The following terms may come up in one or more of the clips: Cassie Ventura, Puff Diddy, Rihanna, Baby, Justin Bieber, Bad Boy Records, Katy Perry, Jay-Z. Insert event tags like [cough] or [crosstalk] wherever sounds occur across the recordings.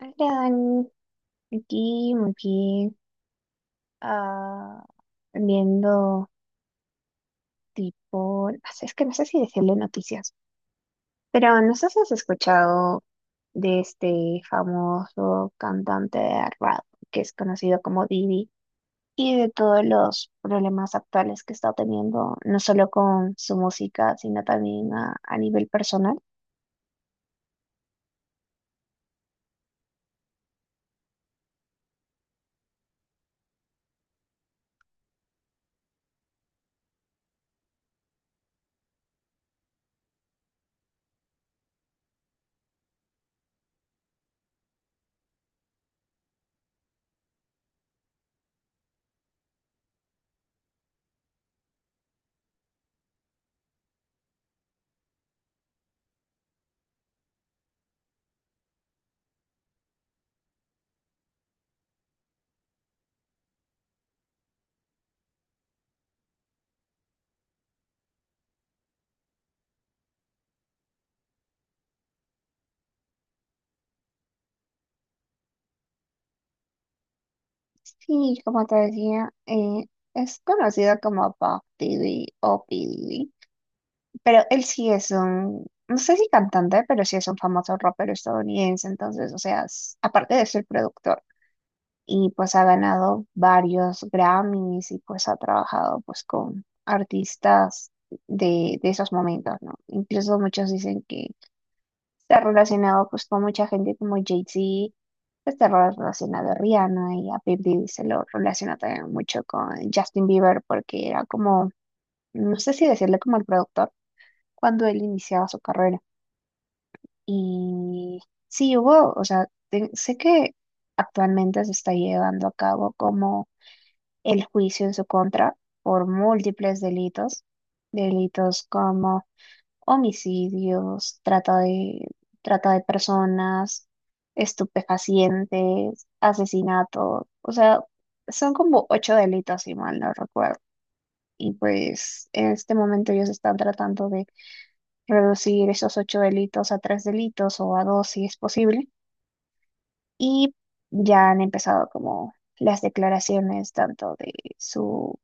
Hola, Dani. Aquí, muy bien. Ah, viendo tipo, no sé, es que no sé si decirle noticias, pero no sé si has escuchado de este famoso cantante de rap que es conocido como Didi y de todos los problemas actuales que está teniendo, no solo con su música, sino también a nivel personal. Sí, como te decía, es conocido como Puff Diddy o P. Pero él sí es un, no sé si cantante, pero sí es un famoso rapero estadounidense. Entonces, o sea, aparte de ser productor, y pues ha ganado varios Grammys y pues ha trabajado pues con artistas de esos momentos, ¿no? Incluso muchos dicen que está relacionado pues con mucha gente como Jay-Z, pues, está relacionado a Rihanna y a Baby se lo relaciona también mucho con Justin Bieber porque era como, no sé si decirle como el productor cuando él iniciaba su carrera. Y sí hubo, o sea, sé que actualmente se está llevando a cabo como el juicio en su contra por múltiples delitos, delitos como homicidios, trata de personas, estupefacientes, asesinato, o sea, son como ocho delitos, si mal no recuerdo. Y pues en este momento ellos están tratando de reducir esos ocho delitos a tres delitos o a dos si es posible. Y ya han empezado como las declaraciones tanto de su,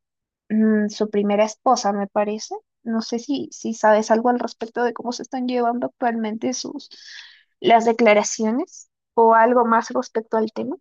su primera esposa, me parece. No sé si sabes algo al respecto de cómo se están llevando actualmente sus las declaraciones o algo más respecto al tema.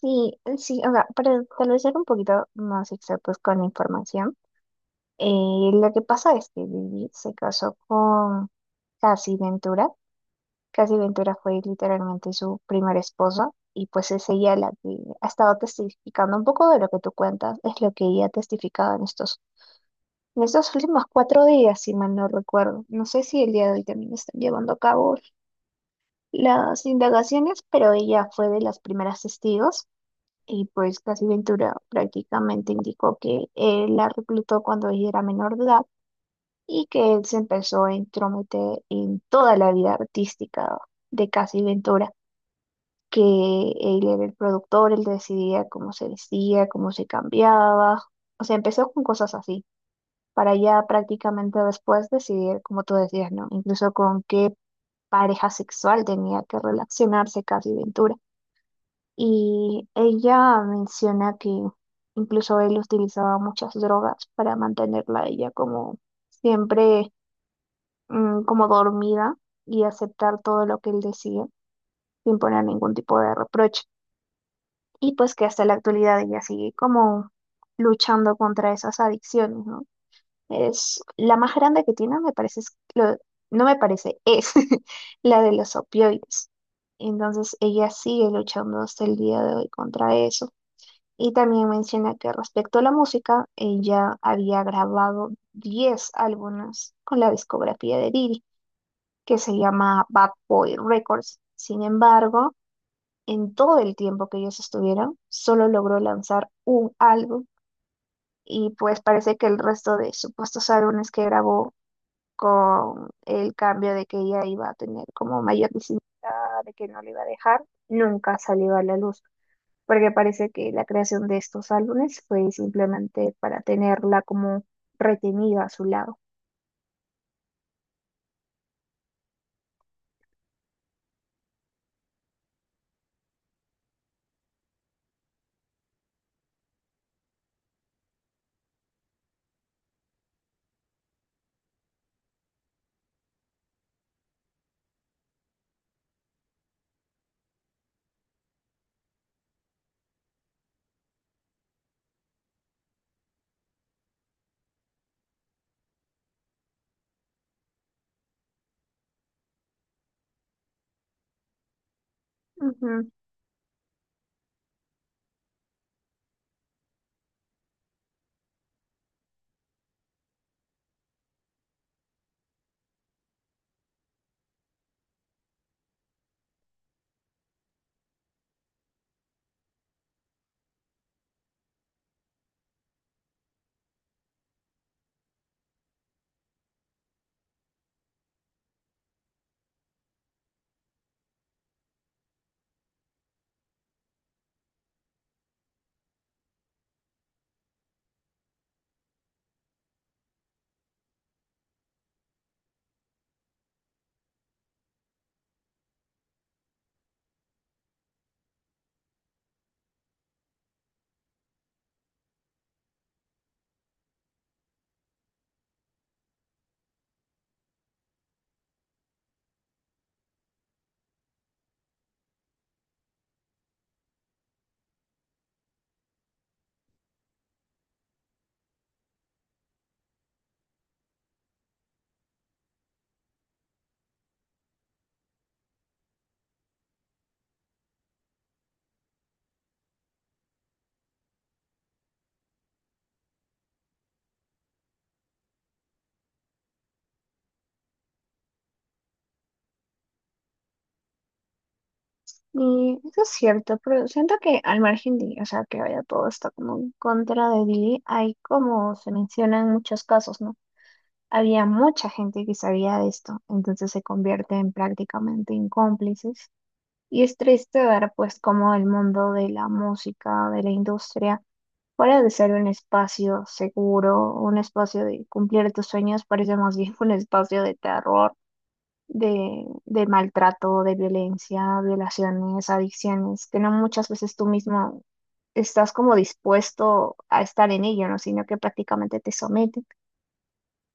Sí, sí, o sea, para tal vez ser un poquito más exactos con la información, lo que pasa es que Lily se casó con Cassie Ventura, Casi Ventura fue literalmente su primera esposa y pues es ella la que ha estado testificando un poco de lo que tú cuentas, es lo que ella ha testificado en estos últimos 4 días, si mal no recuerdo. No sé si el día de hoy también están llevando a cabo las indagaciones, pero ella fue de las primeras testigos y pues Casi Ventura prácticamente indicó que él la reclutó cuando ella era menor de edad y que él se empezó a entrometer en toda la vida artística de Casi Ventura. Que él era el productor, él decidía cómo se vestía, cómo se cambiaba. O sea, empezó con cosas así, para ya prácticamente después decidir, como tú decías, ¿no? Incluso con qué pareja sexual tenía que relacionarse Casi Ventura. Y ella menciona que incluso él utilizaba muchas drogas para mantenerla a ella como siempre, como dormida y aceptar todo lo que él decía sin poner ningún tipo de reproche. Y pues que hasta la actualidad ella sigue como luchando contra esas adicciones, ¿no? Es la más grande que tiene, me parece, es lo- no me parece, es [laughs] la de los opioides. Entonces ella sigue luchando hasta el día de hoy contra eso. Y también menciona que respecto a la música, ella había grabado 10 álbumes con la discografía de Diddy, que se llama Bad Boy Records. Sin embargo, en todo el tiempo que ellos estuvieron, solo logró lanzar un álbum y pues parece que el resto de supuestos álbumes que grabó con el cambio de que ella iba a tener como mayor visibilidad, de que no le iba a dejar, nunca salió a la luz, porque parece que la creación de estos álbumes fue simplemente para tenerla como retenida a su lado. Y eso es cierto, pero siento que al margen de, o sea, que vaya todo está como en contra de Billy, hay como se mencionan muchos casos, ¿no? Había mucha gente que sabía de esto, entonces se convierte en prácticamente en cómplices. Y es triste ver, pues, cómo el mundo de la música, de la industria, fuera de ser un espacio seguro, un espacio de cumplir tus sueños, parece más bien [laughs] un espacio de terror de maltrato, de violencia, violaciones, adicciones, que no muchas veces tú mismo estás como dispuesto a estar en ello, ¿no? Sino que prácticamente te someten.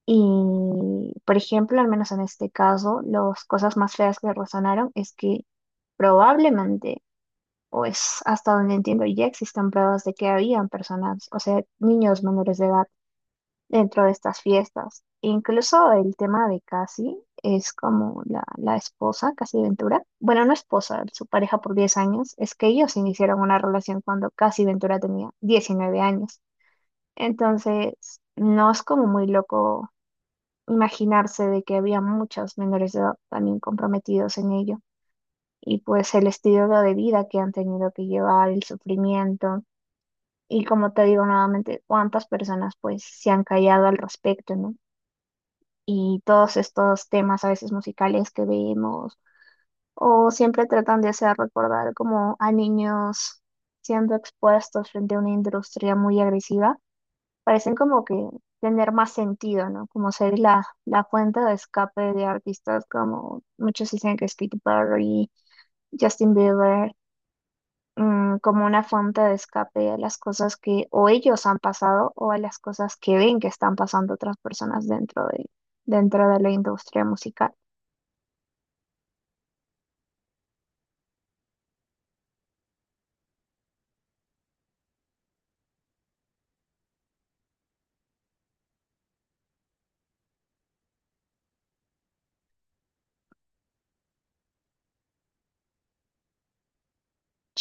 Y, por ejemplo, al menos en este caso, las cosas más feas que resonaron es que probablemente, o es hasta donde entiendo, ya existen pruebas de que habían personas, o sea, niños menores de edad dentro de estas fiestas. Incluso el tema de Cassie es como la esposa, Cassie Ventura. Bueno, no esposa, su pareja por 10 años. Es que ellos iniciaron una relación cuando Cassie Ventura tenía 19 años. Entonces, no es como muy loco imaginarse de que había muchos menores de edad también comprometidos en ello. Y pues el estilo de vida que han tenido que llevar, el sufrimiento. Y como te digo nuevamente, cuántas personas pues se han callado al respecto, ¿no? Y todos estos temas a veces musicales que vemos, o siempre tratan de hacer recordar como a niños siendo expuestos frente a una industria muy agresiva, parecen como que tener más sentido, ¿no? Como ser la fuente de escape de artistas como muchos dicen que es Katy Perry, Justin Bieber, como una fuente de escape a las cosas que o ellos han pasado o a las cosas que ven que están pasando otras personas dentro de la industria musical.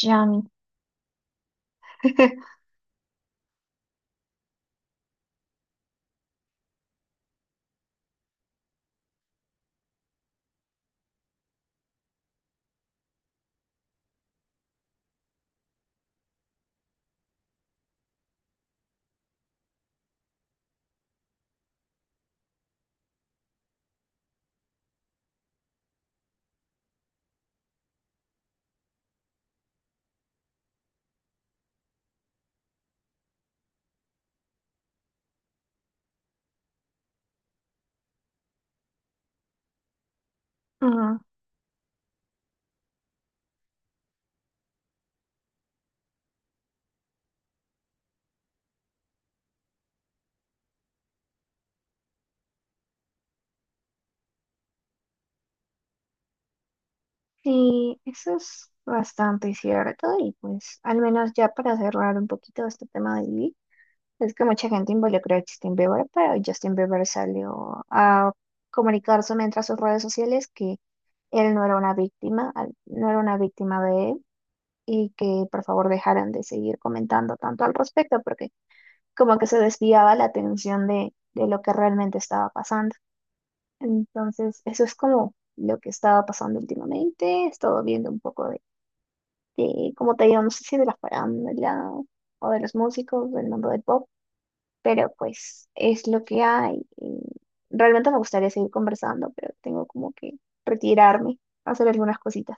Yami. [laughs] Ujú. Sí, eso es bastante cierto y pues al menos ya para cerrar un poquito este tema de Lee, es que mucha gente involucró a Justin Bieber, pero Justin Bieber salió a comunicarse mientras sus redes sociales que él no era una víctima, no era una víctima de él y que por favor dejaran de seguir comentando tanto al respecto porque como que se desviaba la atención de lo que realmente estaba pasando. Entonces, eso es como lo que estaba pasando últimamente. He estado viendo un poco de cómo te digo, no sé si de la farándula o de los músicos del mundo del pop, pero pues es lo que hay. Y realmente me gustaría seguir conversando, pero tengo como que retirarme, hacer algunas cositas.